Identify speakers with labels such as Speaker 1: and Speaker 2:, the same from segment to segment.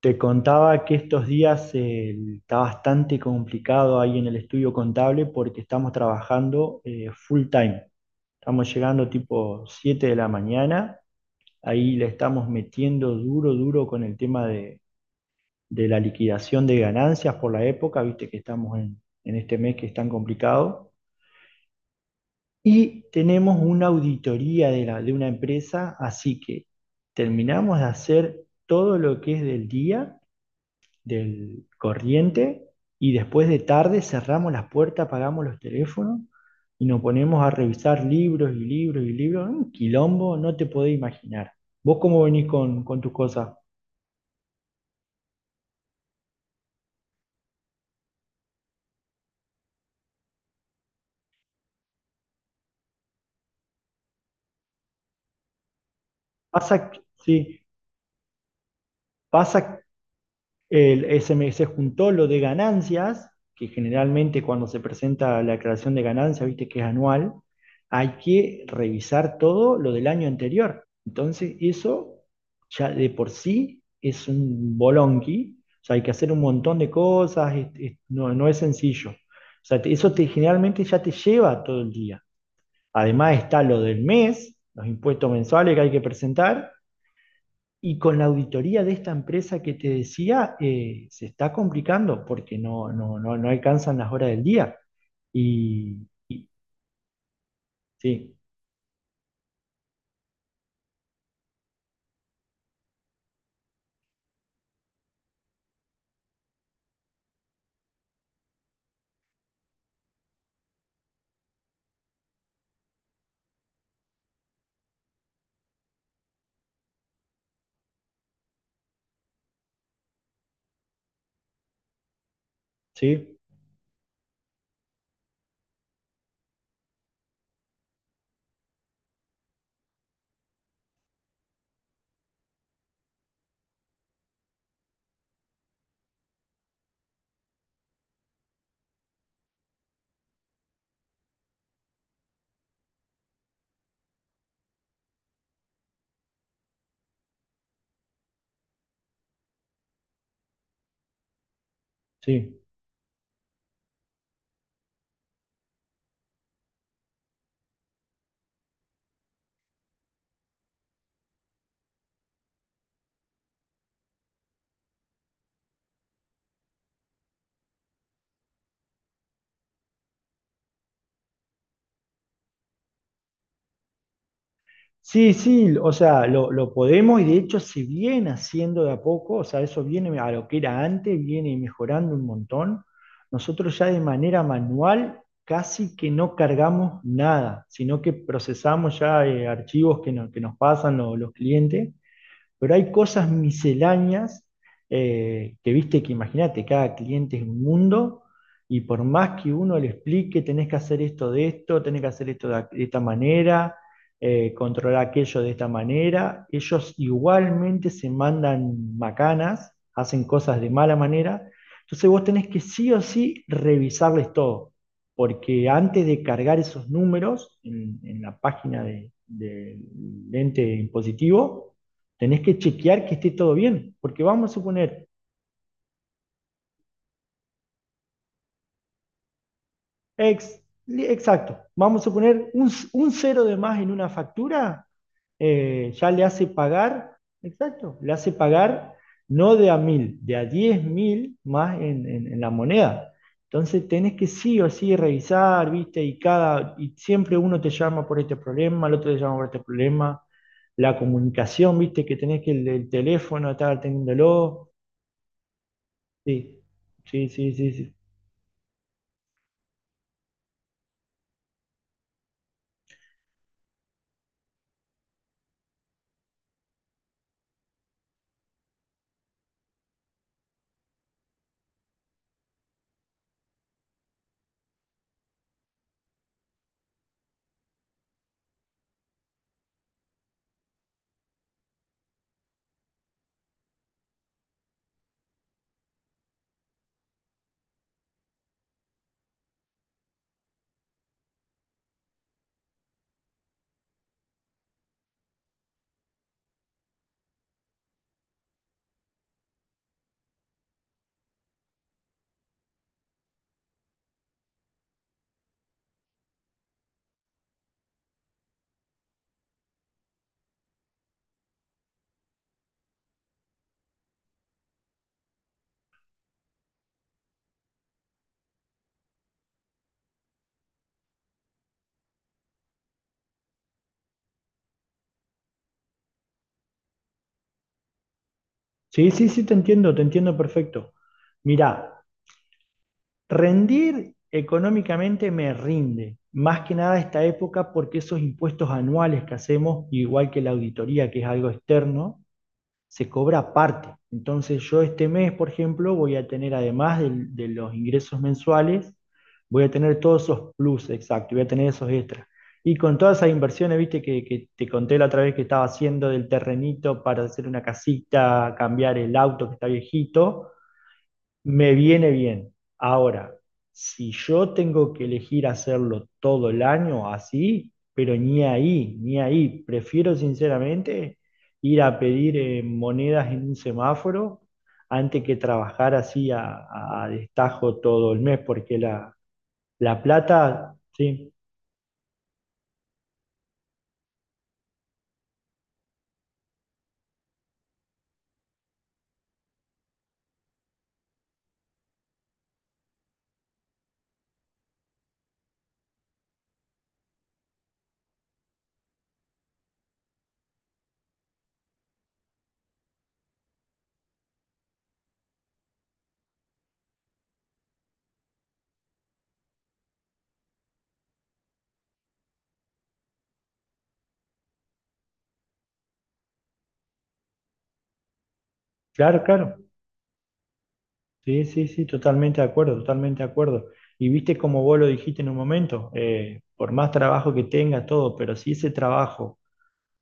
Speaker 1: Te contaba que estos días está bastante complicado ahí en el estudio contable porque estamos trabajando full time. Estamos llegando tipo 7 de la mañana, ahí le estamos metiendo duro, duro con el tema de la liquidación de ganancias por la época, viste que estamos en este mes que es tan complicado. Y tenemos una auditoría de una empresa, así que terminamos de hacer todo lo que es del día del corriente y después de tarde cerramos las puertas, apagamos los teléfonos y nos ponemos a revisar libros y libros y libros. Un quilombo, no te podés imaginar. ¿Vos cómo venís con tus cosas? Pasa, sí, pasa. El SMS juntó lo de ganancias, que generalmente cuando se presenta la declaración de ganancias, viste que es anual, hay que revisar todo lo del año anterior. Entonces, eso ya de por sí es un bolonqui, o sea, hay que hacer un montón de cosas, no es sencillo. O sea, eso te, generalmente ya te lleva todo el día. Además está lo del mes, los impuestos mensuales que hay que presentar, y con la auditoría de esta empresa que te decía, se está complicando porque no alcanzan las horas del día. Y, y- sí, sí, sí. Sí, sí, o sea, lo podemos y de hecho se viene haciendo de a poco, o sea, eso viene a lo que era antes, viene mejorando un montón. Nosotros ya de manera manual casi que no cargamos nada, sino que procesamos ya archivos que, no- que nos pasan los clientes. Pero hay cosas misceláneas que viste que imagínate, cada cliente es un mundo, y por más que uno le explique, tenés que hacer esto de esto, tenés que hacer esto de esta manera, controlar aquello de esta manera, ellos igualmente se mandan macanas, hacen cosas de mala manera. Entonces vos tenés que sí o sí revisarles todo, porque antes de cargar esos números en la página del ente impositivo, tenés que chequear que esté todo bien, porque vamos a suponer, ex, exacto, vamos a suponer un cero de más en una factura, ya le hace pagar, exacto, le hace pagar no de a mil, de a diez mil más en la moneda. Entonces tenés que sí o sí revisar, ¿viste? Y cada y siempre uno te llama por este problema, el otro te llama por este problema, la comunicación, ¿viste? Que tenés que el teléfono estar atendiéndolo. Sí, sí, sí, sí, sí. Sí, sí, sí, te entiendo perfecto. Mirá, rendir económicamente me rinde, más que nada esta época porque esos impuestos anuales que hacemos, igual que la auditoría, que es algo externo, se cobra aparte. Entonces yo este mes, por ejemplo, voy a tener, además de los ingresos mensuales, voy a tener todos esos plus, exacto, voy a tener esos extras. Y con todas esas inversiones, viste, que te conté la otra vez que estaba haciendo del terrenito para hacer una casita, cambiar el auto que está viejito, me viene bien. Ahora, si yo tengo que elegir hacerlo todo el año así, pero ni ahí, ni ahí, prefiero sinceramente ir a pedir monedas en un semáforo antes que trabajar así a destajo todo el mes, porque la plata, sí, claro, claro, sí, sí, sí, totalmente de acuerdo, totalmente de acuerdo. Y viste como vos lo dijiste en un momento, por más trabajo que tenga todo, pero si ese trabajo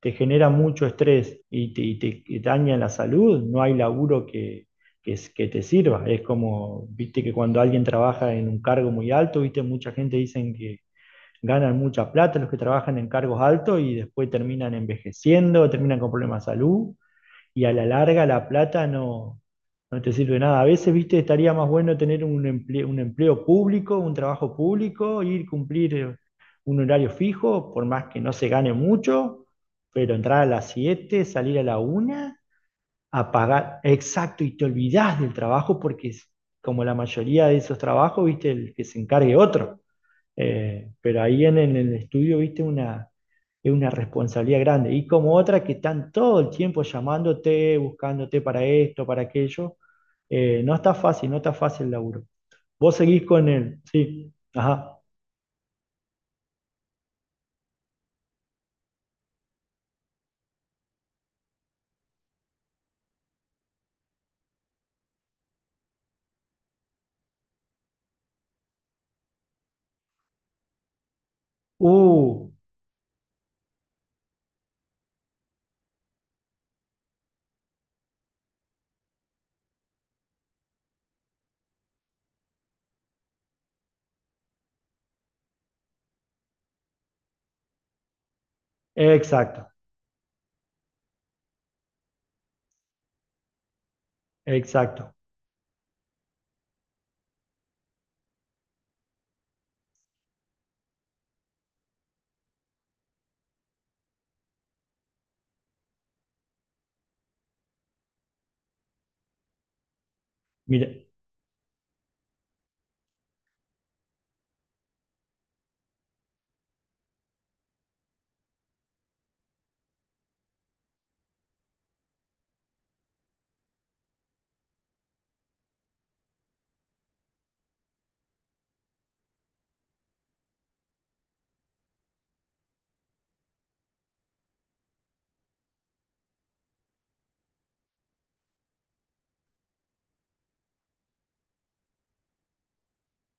Speaker 1: te genera mucho estrés y daña la salud, no hay laburo que te sirva. Es como, viste que cuando alguien trabaja en un cargo muy alto, viste, mucha gente dicen que ganan mucha plata los que trabajan en cargos altos y después terminan envejeciendo, terminan con problemas de salud y a la larga la plata no te sirve nada. A veces, viste, estaría más bueno tener un empleo público, un trabajo público, ir cumplir un horario fijo, por más que no se gane mucho, pero entrar a las 7 salir a la una a pagar, exacto, y te olvidás del trabajo porque es como la mayoría de esos trabajos, viste, el que se encargue otro. Pero ahí en el estudio, viste, es una responsabilidad grande. Y como otra que están todo el tiempo llamándote, buscándote para esto, para aquello. No está fácil, no está fácil el laburo. Vos seguís con él, sí. Ajá. Uh, exacto, exacto. Mira,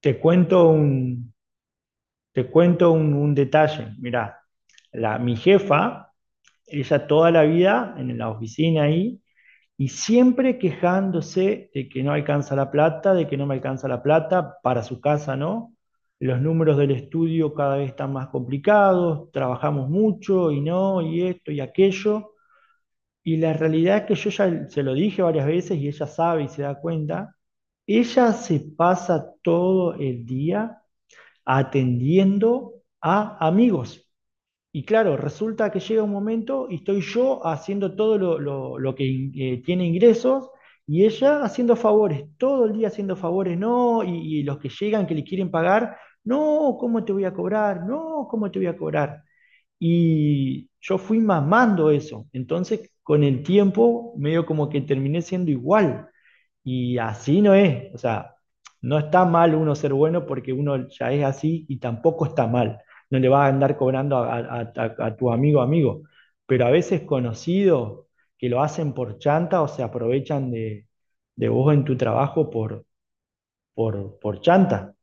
Speaker 1: te cuento un detalle. Mira, mi jefa, ella toda la vida en la oficina ahí, y siempre quejándose de que no alcanza la plata, de que no me alcanza la plata para su casa, ¿no? Los números del estudio cada vez están más complicados, trabajamos mucho y no, y esto y aquello. Y la realidad es que yo ya se lo dije varias veces y ella sabe y se da cuenta, ella se pasa todo el día atendiendo a amigos. Y claro, resulta que llega un momento y estoy yo haciendo todo lo que tiene ingresos y ella haciendo favores, todo el día haciendo favores, no, y los que llegan que le quieren pagar, no, ¿cómo te voy a cobrar? No, ¿cómo te voy a cobrar? Y yo fui mamando eso, entonces con el tiempo medio como que terminé siendo igual. Y así no es, o sea, no está mal uno ser bueno porque uno ya es así y tampoco está mal. No le vas a andar cobrando a tu amigo amigo, pero a veces conocidos que lo hacen por chanta o se aprovechan de vos en tu trabajo por chanta.